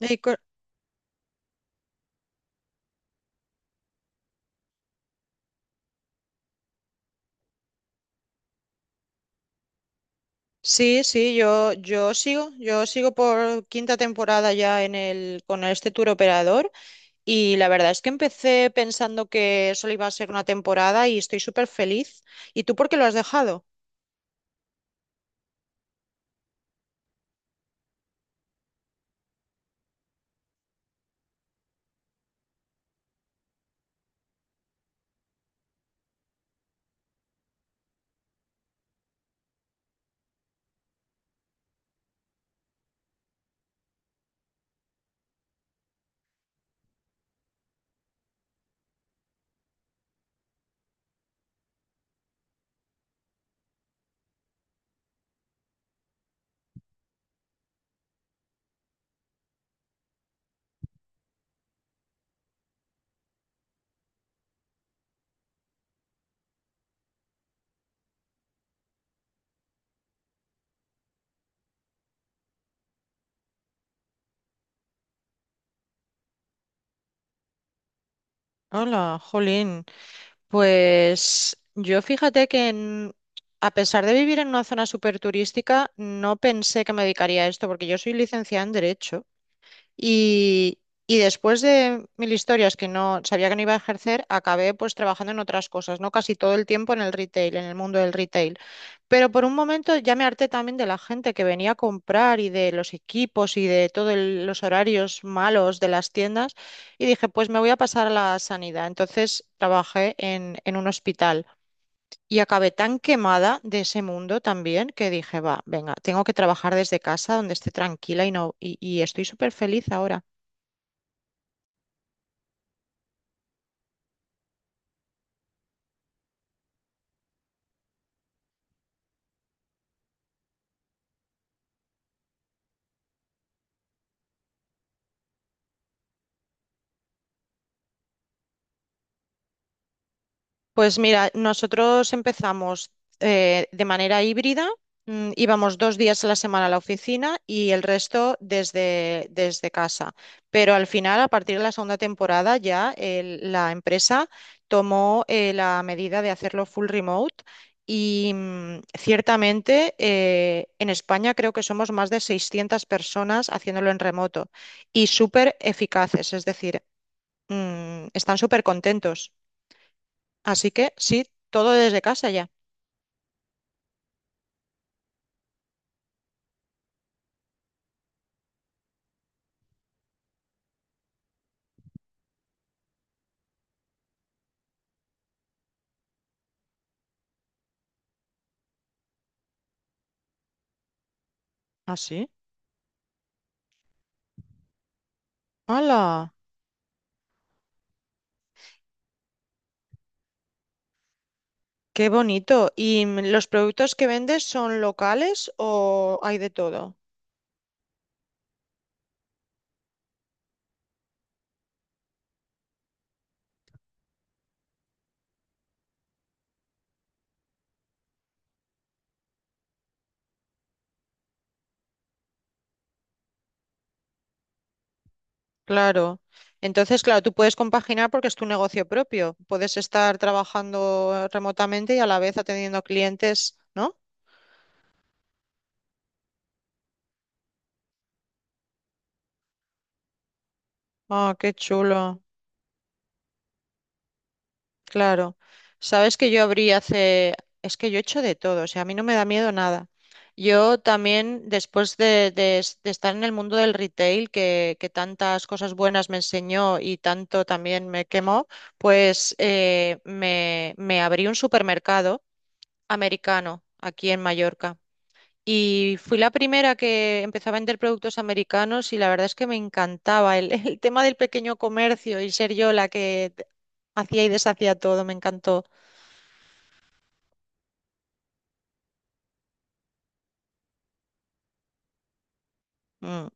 Y co- Sí, sí, yo sigo por quinta temporada ya con este tour operador y la verdad es que empecé pensando que solo iba a ser una temporada y estoy súper feliz. ¿Y tú por qué lo has dejado? Hola, Jolín. Pues yo fíjate que a pesar de vivir en una zona súper turística, no pensé que me dedicaría a esto porque yo soy licenciada en Derecho. Y, y después de mil historias que no sabía que no iba a ejercer, acabé pues trabajando en otras cosas, ¿no? Casi todo el tiempo en el retail, en el mundo del retail. Pero por un momento ya me harté también de la gente que venía a comprar y de los equipos y de todos los horarios malos de las tiendas y dije, pues me voy a pasar a la sanidad. Entonces trabajé en un hospital. Y acabé tan quemada de ese mundo también que dije, va, venga, tengo que trabajar desde casa donde esté tranquila y no, y estoy súper feliz ahora. Pues mira, nosotros empezamos de manera híbrida, íbamos 2 días a la semana a la oficina y el resto desde, desde casa. Pero al final, a partir de la segunda temporada, ya la empresa tomó la medida de hacerlo full remote y ciertamente en España creo que somos más de 600 personas haciéndolo en remoto y súper eficaces, es decir, están súper contentos. Así que sí, todo desde casa ya. ¿Ah, sí? ¡Hala! ¡Qué bonito! ¿Y los productos que vendes son locales o hay de todo? Claro. Entonces, claro, tú puedes compaginar porque es tu negocio propio. Puedes estar trabajando remotamente y a la vez atendiendo clientes, ¿no? Ah, qué chulo. Claro, sabes que yo abrí hace, es que yo he hecho de todo, o sea, a mí no me da miedo nada. Yo también, después de estar en el mundo del retail, que tantas cosas buenas me enseñó y tanto también me quemó, pues me abrí un supermercado americano aquí en Mallorca. Y fui la primera que empezó a vender productos americanos y la verdad es que me encantaba el, el tema del pequeño comercio y ser yo la que hacía y deshacía todo, me encantó. Mm.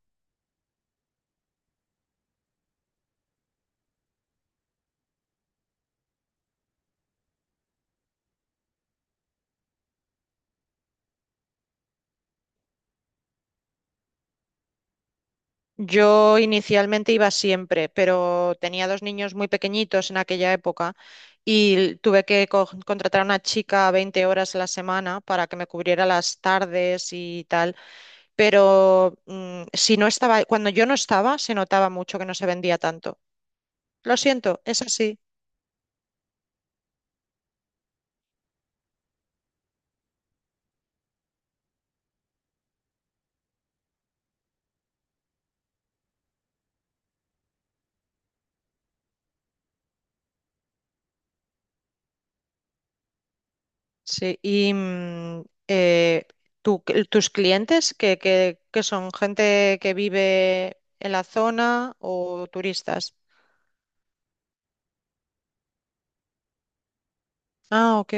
Yo inicialmente iba siempre, pero tenía dos niños muy pequeñitos en aquella época y tuve que contratar a una chica 20 horas a la semana para que me cubriera las tardes y tal. Pero si no estaba, cuando yo no estaba, se notaba mucho que no se vendía tanto. Lo siento, es así. Sí, y tus clientes, que son gente que vive en la zona o turistas. Ah, ok,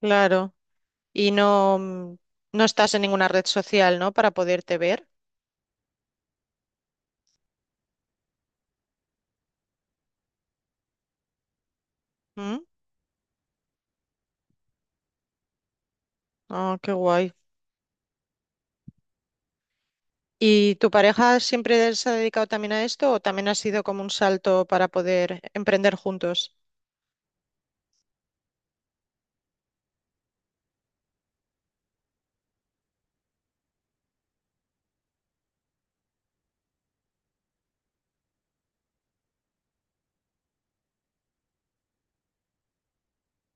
claro. Y no, no estás en ninguna red social, ¿no? Para poderte ver. ¿Mm? Ah, qué guay. ¿Y tu pareja siempre se ha dedicado también a esto o también ha sido como un salto para poder emprender juntos?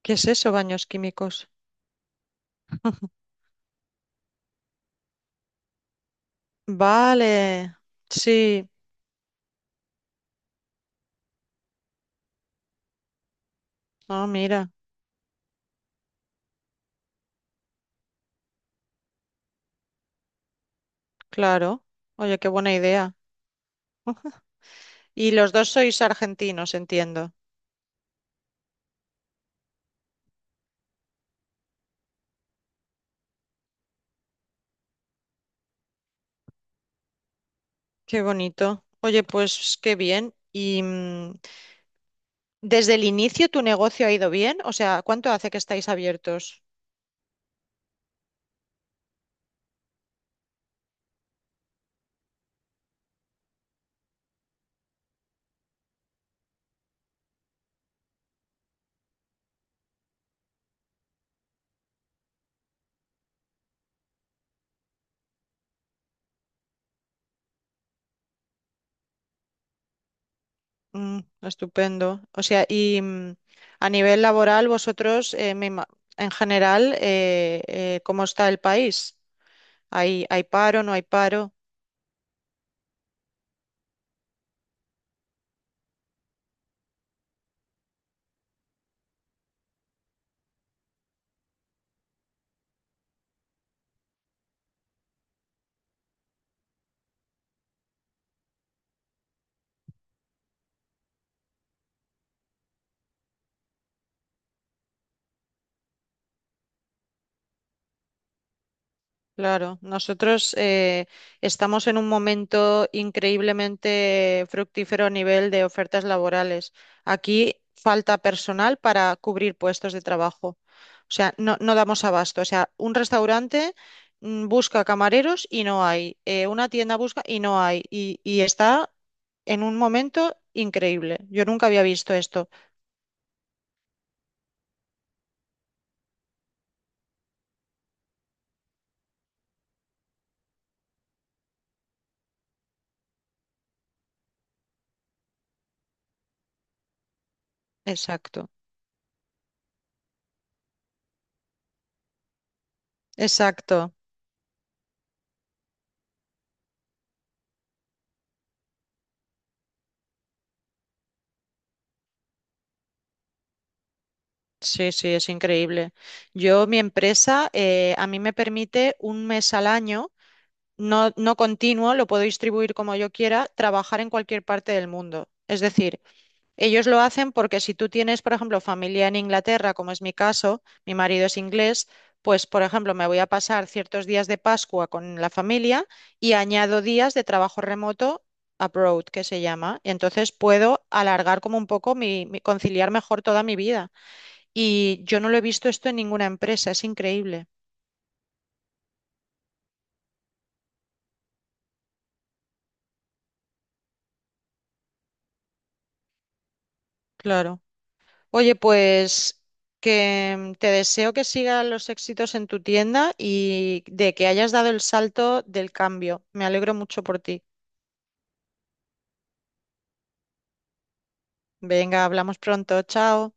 ¿Qué es eso, baños químicos? Vale, sí. Ah, mira. Claro. Oye, qué buena idea. Y los dos sois argentinos, entiendo. Qué bonito. Oye, pues qué bien. ¿Y desde el inicio tu negocio ha ido bien? O sea, ¿cuánto hace que estáis abiertos? Mm, estupendo. O sea, y a nivel laboral, vosotros, en general, ¿cómo está el país? ¿Hay paro, no hay paro? Claro, nosotros estamos en un momento increíblemente fructífero a nivel de ofertas laborales. Aquí falta personal para cubrir puestos de trabajo. O sea, no damos abasto. O sea, un restaurante busca camareros y no hay. Una tienda busca y no hay. Y está en un momento increíble. Yo nunca había visto esto. Exacto, exacto. Sí, sí, es increíble. Yo, mi empresa, a mí me permite un mes al año, no continuo, lo puedo distribuir como yo quiera, trabajar en cualquier parte del mundo. Es decir, ellos lo hacen porque si tú tienes, por ejemplo, familia en Inglaterra, como es mi caso, mi marido es inglés, pues, por ejemplo, me voy a pasar ciertos días de Pascua con la familia y añado días de trabajo remoto abroad, que se llama. Y entonces puedo alargar como un poco conciliar mejor toda mi vida. Y yo no lo he visto esto en ninguna empresa, es increíble, claro. Oye, pues que te deseo que sigan los éxitos en tu tienda y de que hayas dado el salto del cambio. Me alegro mucho por ti. Venga, hablamos pronto, chao.